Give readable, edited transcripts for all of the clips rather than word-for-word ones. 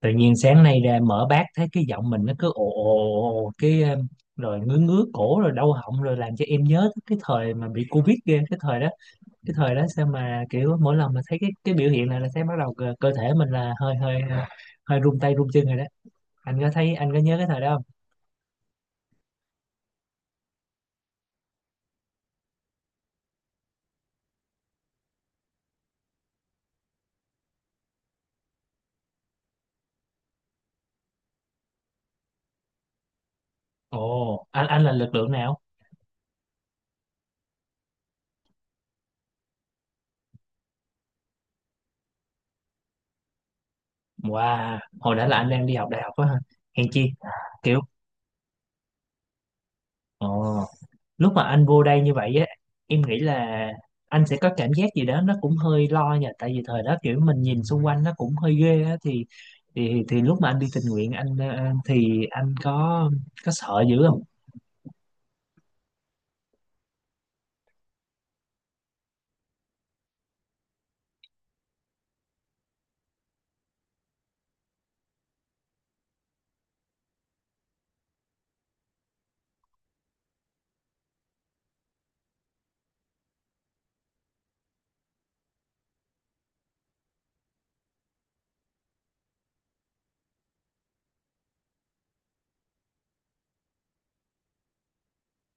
Tự nhiên sáng nay ra mở bát thấy cái giọng mình nó cứ ồ ồ ồ ồ, cái rồi ngứa ngứa cổ rồi đau họng rồi làm cho em nhớ tới cái thời mà bị Covid ghê. Cái thời đó, cái thời đó sao mà kiểu mỗi lần mà thấy cái biểu hiện này là thấy bắt đầu cơ thể mình là hơi hơi hơi run tay run chân rồi đó. Anh có thấy anh có nhớ cái thời đó không? Ồ, anh là lực lượng nào? Wow, hồi đó là anh đang đi học đại học á hả? Hèn chi. Kiểu, ồ, lúc mà anh vô đây như vậy á, em nghĩ là anh sẽ có cảm giác gì đó nó cũng hơi lo nha, tại vì thời đó kiểu mình nhìn xung quanh nó cũng hơi ghê á, thì lúc mà anh đi tình nguyện anh, thì anh có sợ dữ không?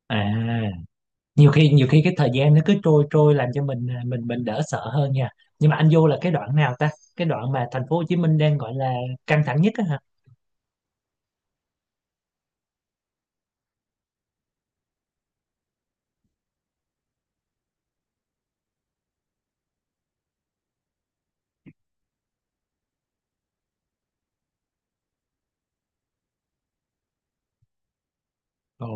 À, nhiều khi cái thời gian nó cứ trôi trôi làm cho mình đỡ sợ hơn nha. Nhưng mà anh vô là cái đoạn nào ta, cái đoạn mà thành phố Hồ Chí Minh đang gọi là căng thẳng nhất á hả? Ồ,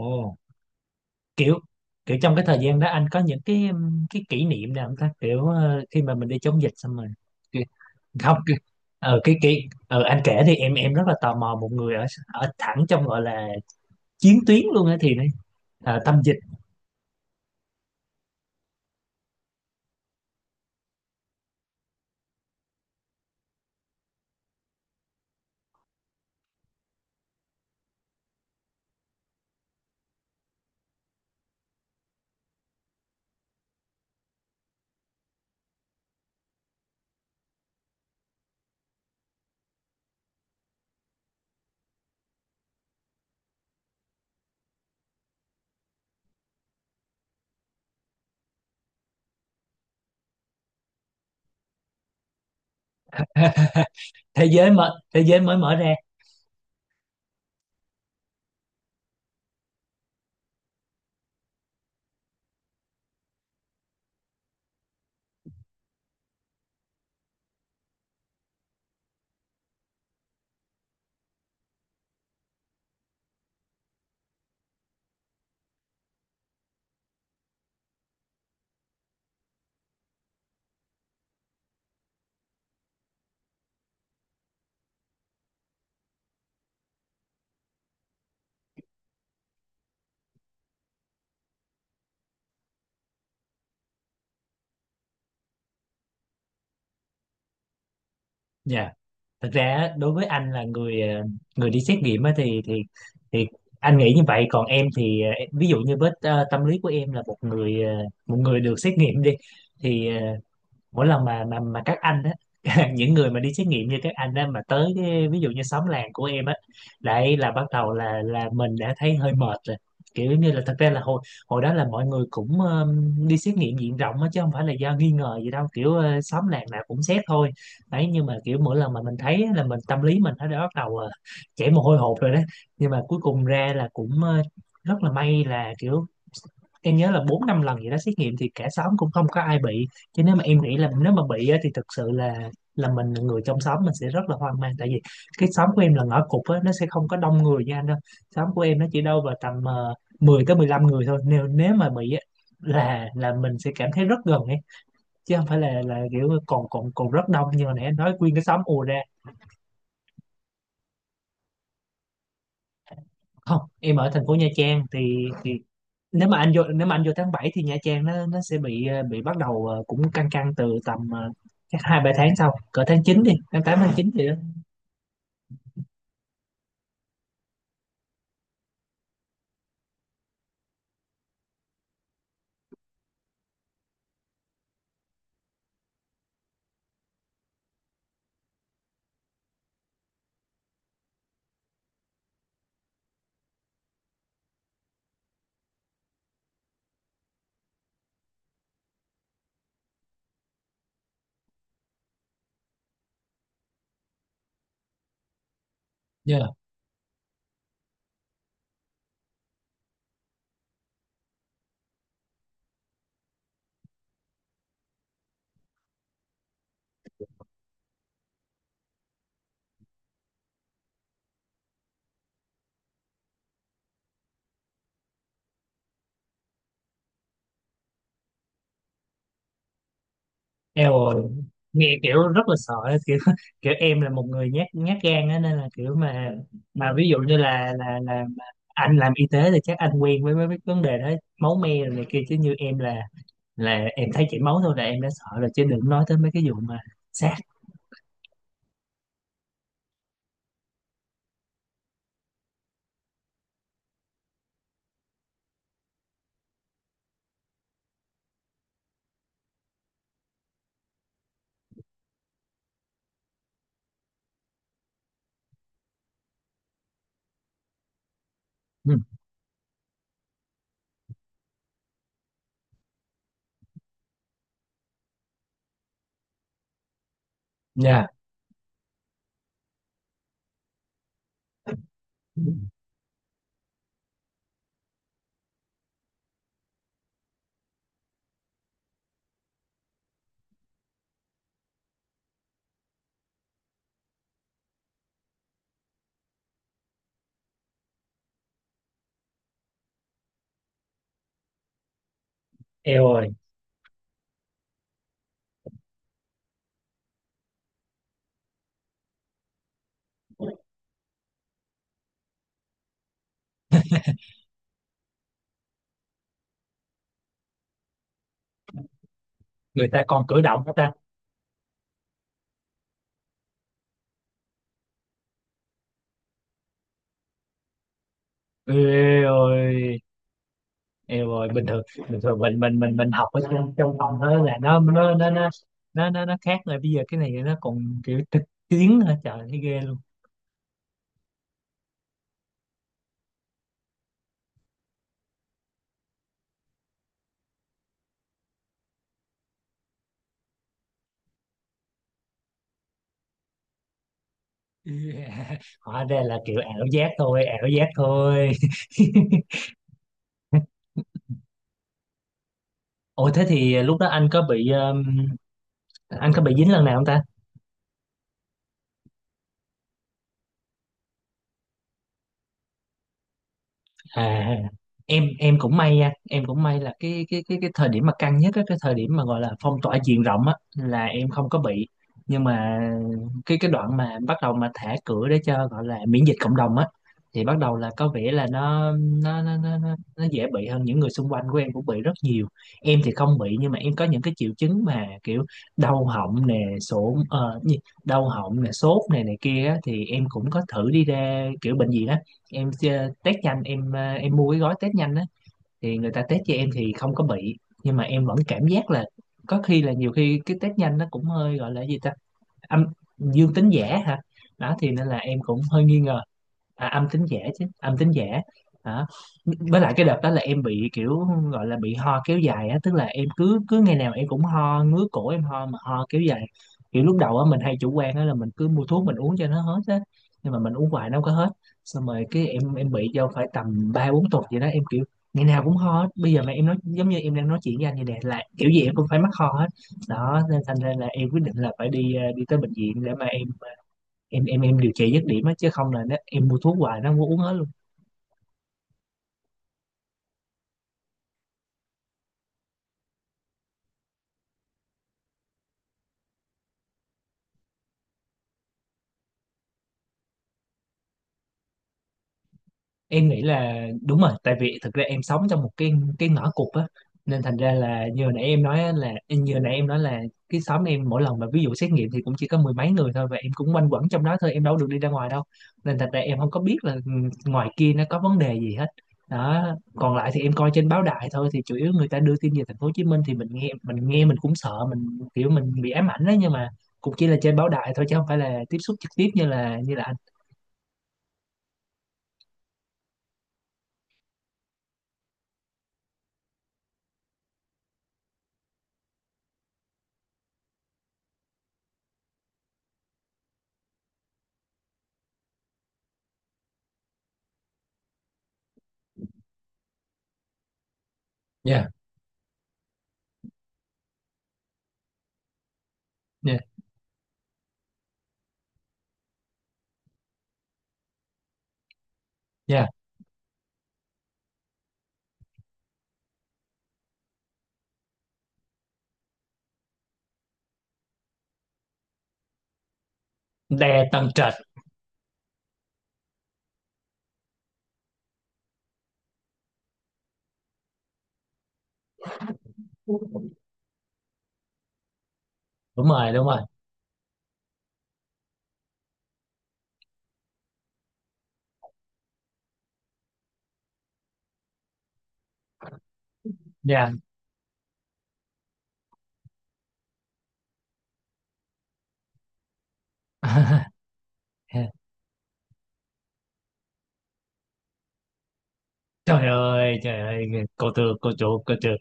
kiểu kiểu trong cái thời gian đó anh có những cái kỷ niệm nào không ta, kiểu, khi mà mình đi chống dịch xong rồi. Cái- Không. Cái- ờ cái ờ Anh kể thì em rất là tò mò một người ở ở thẳng trong gọi là chiến tuyến luôn á thì đấy. À, tâm dịch. Thế giới mới mở ra. Nha, thật ra á, đối với anh là người đi xét nghiệm á thì anh nghĩ như vậy. Còn em thì, ví dụ như với, tâm lý của em là một người được xét nghiệm đi thì, mỗi lần mà các anh á, những người mà đi xét nghiệm như các anh á mà tới cái, ví dụ như xóm làng của em á, đấy là bắt đầu là mình đã thấy hơi mệt rồi. Kiểu như là thật ra là hồi hồi đó là mọi người cũng, đi xét nghiệm diện rộng á, chứ không phải là do nghi ngờ gì đâu, kiểu, xóm làng nào cũng xét thôi. Đấy, nhưng mà kiểu mỗi lần mà mình thấy á, là mình tâm lý mình nó đã bắt đầu, chảy mồ hôi hột rồi đó. Nhưng mà cuối cùng ra là cũng, rất là may là kiểu em nhớ là bốn năm lần gì đó xét nghiệm thì cả xóm cũng không có ai bị. Chứ nếu mà em nghĩ là nếu mà bị á, thì thực sự là mình là người trong xóm mình sẽ rất là hoang mang, tại vì cái xóm của em là ngõ cụt á, nó sẽ không có đông người như anh đâu. Xóm của em nó chỉ đâu vào tầm, 10 tới 15 người thôi, nếu nếu mà bị á, là mình sẽ cảm thấy rất gần ấy, chứ không phải là kiểu còn còn còn rất đông như hồi nãy anh nói nguyên cái xóm ùa ra. Không, em ở thành phố Nha Trang thì. Nếu mà anh vô tháng 7 thì Nha Trang nó sẽ bị bắt đầu, cũng căng căng từ tầm, chắc hai ba tháng sau, cỡ tháng 9 đi, tháng 8 tháng 9 gì đó. Dạ. Eo ơi, nghe kiểu rất là sợ ấy, kiểu kiểu em là một người nhát nhát gan á, nên là kiểu mà ví dụ như là mà anh làm y tế thì chắc anh quen với mấy cái vấn đề đó, máu me rồi này kia, chứ như em là em thấy chảy máu thôi là em đã sợ rồi, chứ đừng nói tới mấy cái vụ mà xác. Ừ. Dạ. Eo ơi. Người ta còn cử động hết ta. Eo ơi. Yêu rồi. Bình thường, bình thường mình học ở trong trong phòng thôi là nó khác rồi, bây giờ cái này nó còn kiểu thực chiến hả trời, thấy ghê luôn. Yeah. Hóa ra là kiểu ảo giác thôi, ảo giác thôi. Ủa thế thì lúc đó anh có bị dính lần nào không ta? À, em cũng may nha, em cũng may là cái thời điểm mà căng nhất á, cái thời điểm mà gọi là phong tỏa diện rộng á là em không có bị, nhưng mà cái đoạn mà bắt đầu mà thả cửa để cho gọi là miễn dịch cộng đồng á, thì bắt đầu là có vẻ là nó dễ bị hơn, những người xung quanh của em cũng bị rất nhiều. Em thì không bị nhưng mà em có những cái triệu chứng mà kiểu đau họng nè, gì? Đau họng nè Sốt này này kia á, thì em cũng có thử đi ra kiểu bệnh viện á, em chơi test nhanh, em mua cái gói test nhanh á. Thì người ta test cho em thì không có bị, nhưng mà em vẫn cảm giác là có khi là nhiều khi cái test nhanh nó cũng hơi gọi là gì ta, âm dương tính giả hả? Đó thì nên là em cũng hơi nghi ngờ. À, âm tính giả, chứ âm tính giả hả? Với lại cái đợt đó là em bị kiểu gọi là bị ho kéo dài á, tức là em cứ cứ ngày nào em cũng ho ngứa cổ em ho mà ho kéo dài. Kiểu lúc đầu á mình hay chủ quan á là mình cứ mua thuốc mình uống cho nó hết á, nhưng mà mình uống hoài nó không có hết. Xong rồi cái em bị vô phải tầm ba bốn tuần vậy đó, em kiểu ngày nào cũng ho hết, bây giờ mà em nói giống như em đang nói chuyện với anh vậy nè là kiểu gì em cũng phải mắc ho hết. Đó nên thành ra là em quyết định là phải đi tới bệnh viện để mà em điều trị dứt điểm á, chứ không là nó em mua thuốc hoài nó không có uống hết luôn. Em nghĩ là đúng rồi, tại vì thực ra em sống trong một cái ngõ cụt á, nên thành ra là như hồi nãy em nói là cái xóm em mỗi lần mà ví dụ xét nghiệm thì cũng chỉ có mười mấy người thôi, và em cũng quanh quẩn trong đó thôi, em đâu được đi ra ngoài đâu, nên thành ra em không có biết là, ngoài kia nó có vấn đề gì hết. Đó, còn lại thì em coi trên báo đài thôi, thì chủ yếu người ta đưa tin về thành phố Hồ Chí Minh, thì mình nghe mình cũng sợ, mình kiểu mình bị ám ảnh đó, nhưng mà cũng chỉ là trên báo đài thôi chứ không phải là tiếp xúc trực tiếp như là anh. Dạ, dạ, dạ. Đè tầng trệt. Đúng rồi, đúng rồi. Dạ. Trời ơi, trời ơi. Cô tư, cô chủ, cô trượt.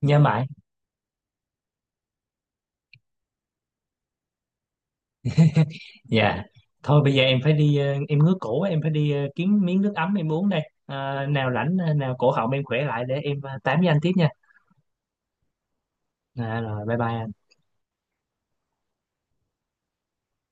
Nhớ mãi. Dạ. Thôi bây giờ em phải đi, em ngứa cổ quá, em phải đi, kiếm miếng nước ấm em uống đây. À, nào cổ họng em khỏe lại để em, tám với anh tiếp nha. À, rồi bye bye anh.